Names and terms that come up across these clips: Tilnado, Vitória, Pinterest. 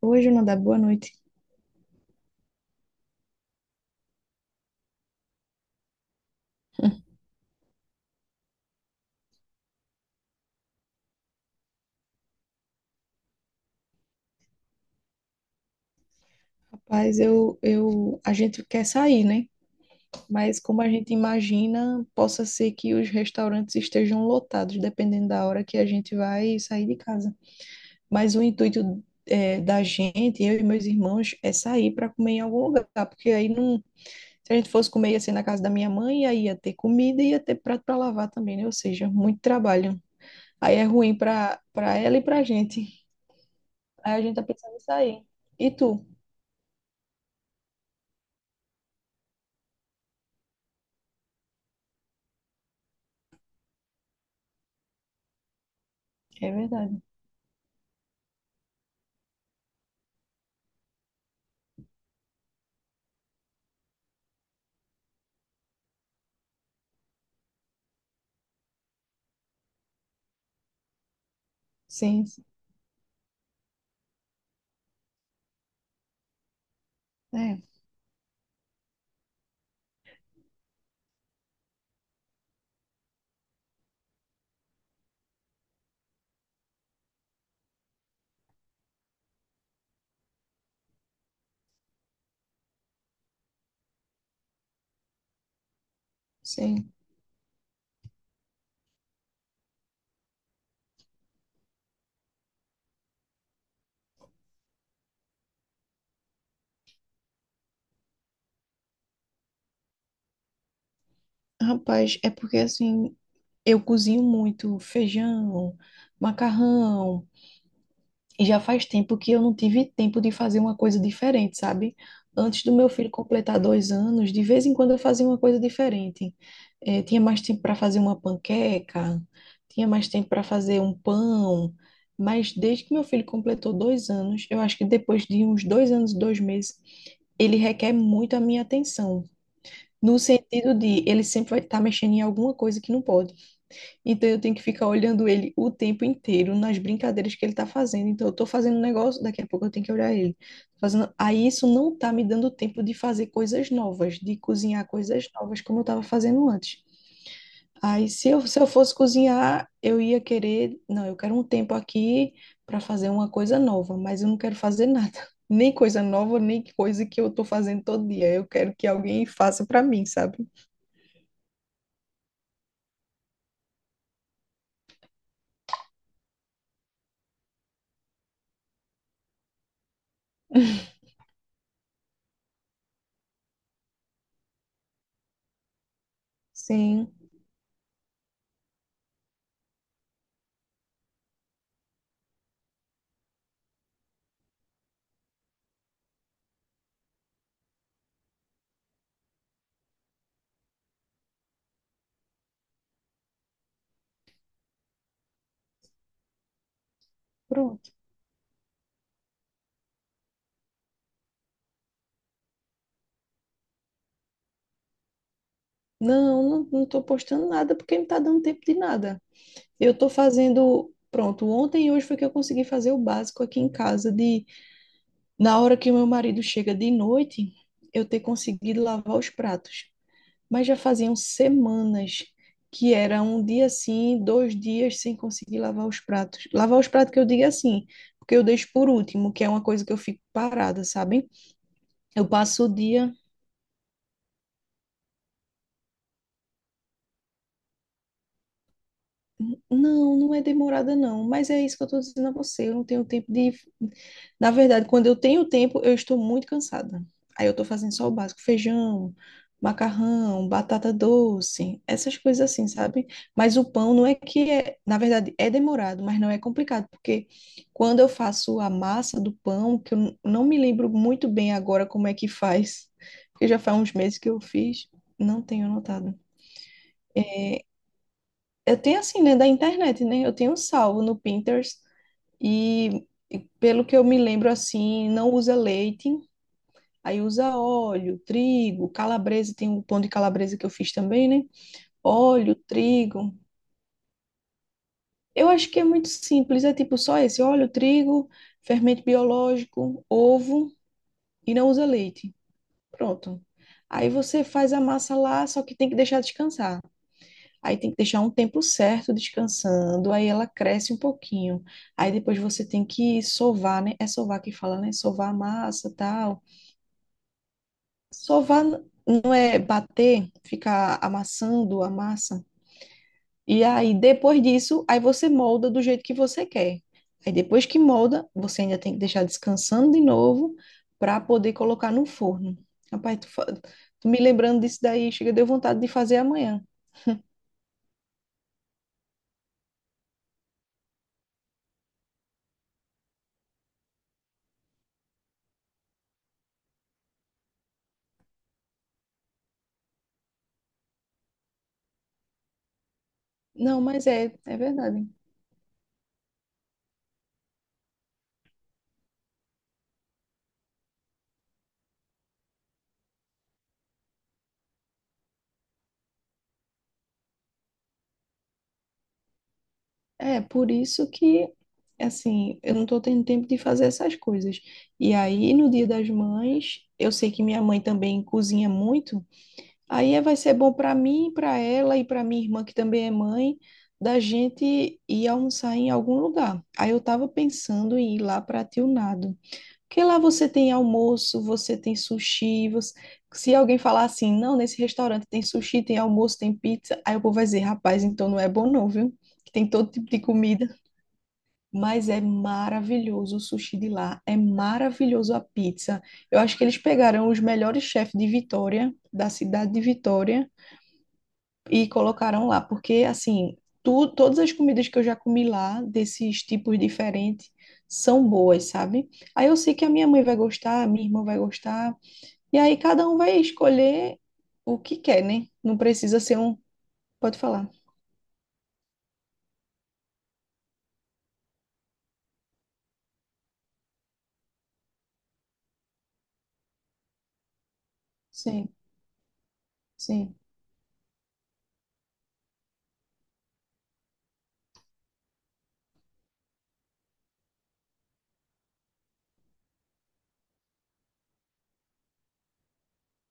Hoje não dá boa noite. Rapaz, a gente quer sair, né? Mas como a gente imagina, possa ser que os restaurantes estejam lotados, dependendo da hora que a gente vai sair de casa. Mas o intuito é, da gente, eu e meus irmãos, é sair para comer em algum lugar, tá? Porque aí não, se a gente fosse comer ia ser na casa da minha mãe, aí ia ter comida e ia ter prato para lavar também, né? Ou seja, muito trabalho. Aí é ruim para ela e para a gente. Aí a gente tá pensando em sair. E tu? É verdade. Sim. É, sim. Rapaz, é porque assim, eu cozinho muito feijão, macarrão, e já faz tempo que eu não tive tempo de fazer uma coisa diferente, sabe? Antes do meu filho completar dois anos, de vez em quando eu fazia uma coisa diferente. Tinha mais tempo para fazer uma panqueca, tinha mais tempo para fazer um pão, mas desde que meu filho completou dois anos, eu acho que depois de uns dois anos e dois meses, ele requer muito a minha atenção. No sentido de ele sempre vai estar mexendo em alguma coisa que não pode. Então eu tenho que ficar olhando ele o tempo inteiro nas brincadeiras que ele está fazendo. Então eu estou fazendo um negócio, daqui a pouco eu tenho que olhar ele. Fazendo... Aí isso não está me dando tempo de fazer coisas novas, de cozinhar coisas novas como eu estava fazendo antes. Aí se eu fosse cozinhar, eu ia querer, não, eu quero um tempo aqui para fazer uma coisa nova, mas eu não quero fazer nada. Nem coisa nova, nem coisa que eu estou fazendo todo dia. Eu quero que alguém faça para mim, sabe? Sim, pronto. Não, não tô postando nada porque não tá dando tempo de nada. Eu tô fazendo, pronto, ontem e hoje foi que eu consegui fazer o básico aqui em casa de na hora que o meu marido chega de noite, eu ter conseguido lavar os pratos. Mas já faziam semanas que era um dia assim, dois dias sem conseguir lavar os pratos. Lavar os pratos que eu digo é assim, porque eu deixo por último, que é uma coisa que eu fico parada, sabe? Eu passo o dia. Não, não é demorada, não. Mas é isso que eu estou dizendo a você. Eu não tenho tempo de. Na verdade, quando eu tenho tempo, eu estou muito cansada. Aí eu estou fazendo só o básico: feijão, macarrão, batata doce, essas coisas assim, sabe? Mas o pão não é que é. Na verdade, é demorado, mas não é complicado. Porque quando eu faço a massa do pão, que eu não me lembro muito bem agora como é que faz, porque já faz uns meses que eu fiz, não tenho anotado. Eu tenho assim, né, da internet, né? Eu tenho salvo no Pinterest e, pelo que eu me lembro assim, não usa leite, aí usa óleo, trigo, calabresa, tem um pão de calabresa que eu fiz também, né? Óleo, trigo. Eu acho que é muito simples, é tipo só esse, óleo, trigo, fermento biológico, ovo e não usa leite. Pronto. Aí você faz a massa lá, só que tem que deixar descansar. Aí tem que deixar um tempo certo descansando, aí ela cresce um pouquinho. Aí depois você tem que sovar, né? É sovar que fala, né? Sovar a massa, tal. Sovar não é bater, ficar amassando a massa. E aí depois disso, aí você molda do jeito que você quer. Aí depois que molda, você ainda tem que deixar descansando de novo para poder colocar no forno. Rapaz, tu, tu me lembrando disso daí, chega, deu vontade de fazer amanhã. Não, mas é verdade. É, por isso que, assim, eu não tô tendo tempo de fazer essas coisas. E aí, no Dia das Mães, eu sei que minha mãe também cozinha muito. Vai ser bom para mim, para ela e para minha irmã, que também é mãe, da gente ir almoçar em algum lugar. Aí eu tava pensando em ir lá para Tilnado. Porque lá você tem almoço, você tem sushi, você... Se alguém falar assim, não, nesse restaurante tem sushi, tem almoço, tem pizza, aí o povo vai dizer, rapaz, então não é bom não, viu? Que tem todo tipo de comida. Mas é maravilhoso o sushi de lá, é maravilhoso a pizza. Eu acho que eles pegaram os melhores chefes de Vitória, da cidade de Vitória, e colocaram lá, porque assim, tu, todas as comidas que eu já comi lá, desses tipos diferentes, são boas, sabe? Aí eu sei que a minha mãe vai gostar, a minha irmã vai gostar, e aí cada um vai escolher o que quer, né? Não precisa ser um. Pode falar. Sim, sim.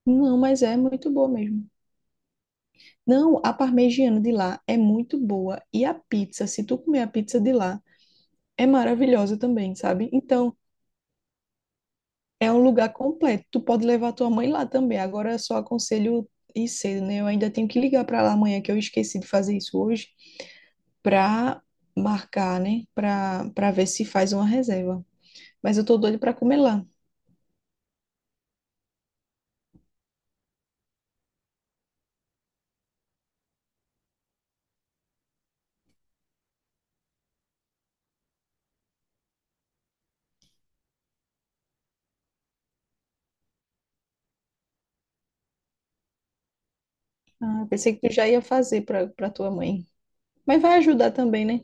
Não, mas é muito boa mesmo. Não, a parmegiana de lá é muito boa. E a pizza, se tu comer a pizza de lá, é maravilhosa também, sabe? Então, é um lugar completo. Tu pode levar tua mãe lá também. Agora eu só aconselho ir cedo, né? Eu ainda tenho que ligar pra lá amanhã, que eu esqueci de fazer isso hoje, pra marcar, né? Pra ver se faz uma reserva. Mas eu tô doida pra comer lá. Ah, pensei que tu já ia fazer pra tua mãe. Mas vai ajudar também, né?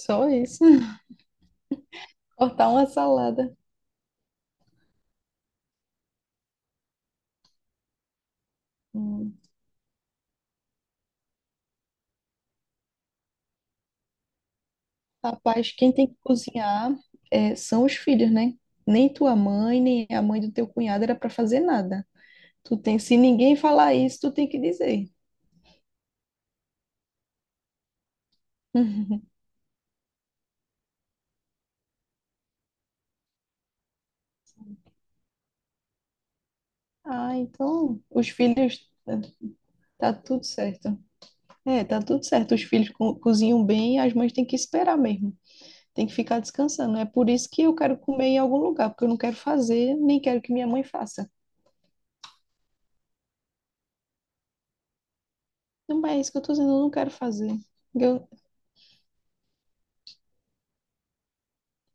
Só isso. Cortar uma salada. Hum. Rapaz, quem tem que cozinhar é, são os filhos, né? Nem tua mãe, nem a mãe do teu cunhado era para fazer nada. Tu tem, se ninguém falar isso, tu tem que dizer. Ah, então os filhos tá tudo certo. É, tá tudo certo. Os filhos cozinham bem, as mães têm que esperar mesmo. Tem que ficar descansando. É por isso que eu quero comer em algum lugar, porque eu não quero fazer, nem quero que minha mãe faça. Não, mas é isso que eu tô dizendo, eu não quero fazer. Eu,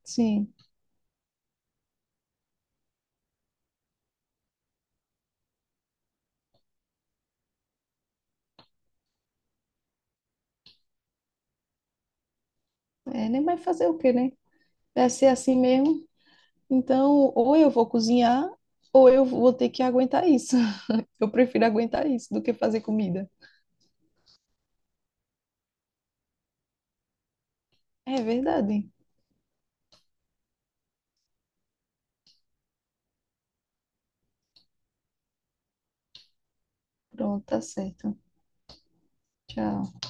sim, é, nem vai fazer o quê, né? Vai ser assim mesmo. Então, ou eu vou cozinhar, ou eu vou ter que aguentar isso. Eu prefiro aguentar isso do que fazer comida. É verdade. Pronto, tá certo. Tchau.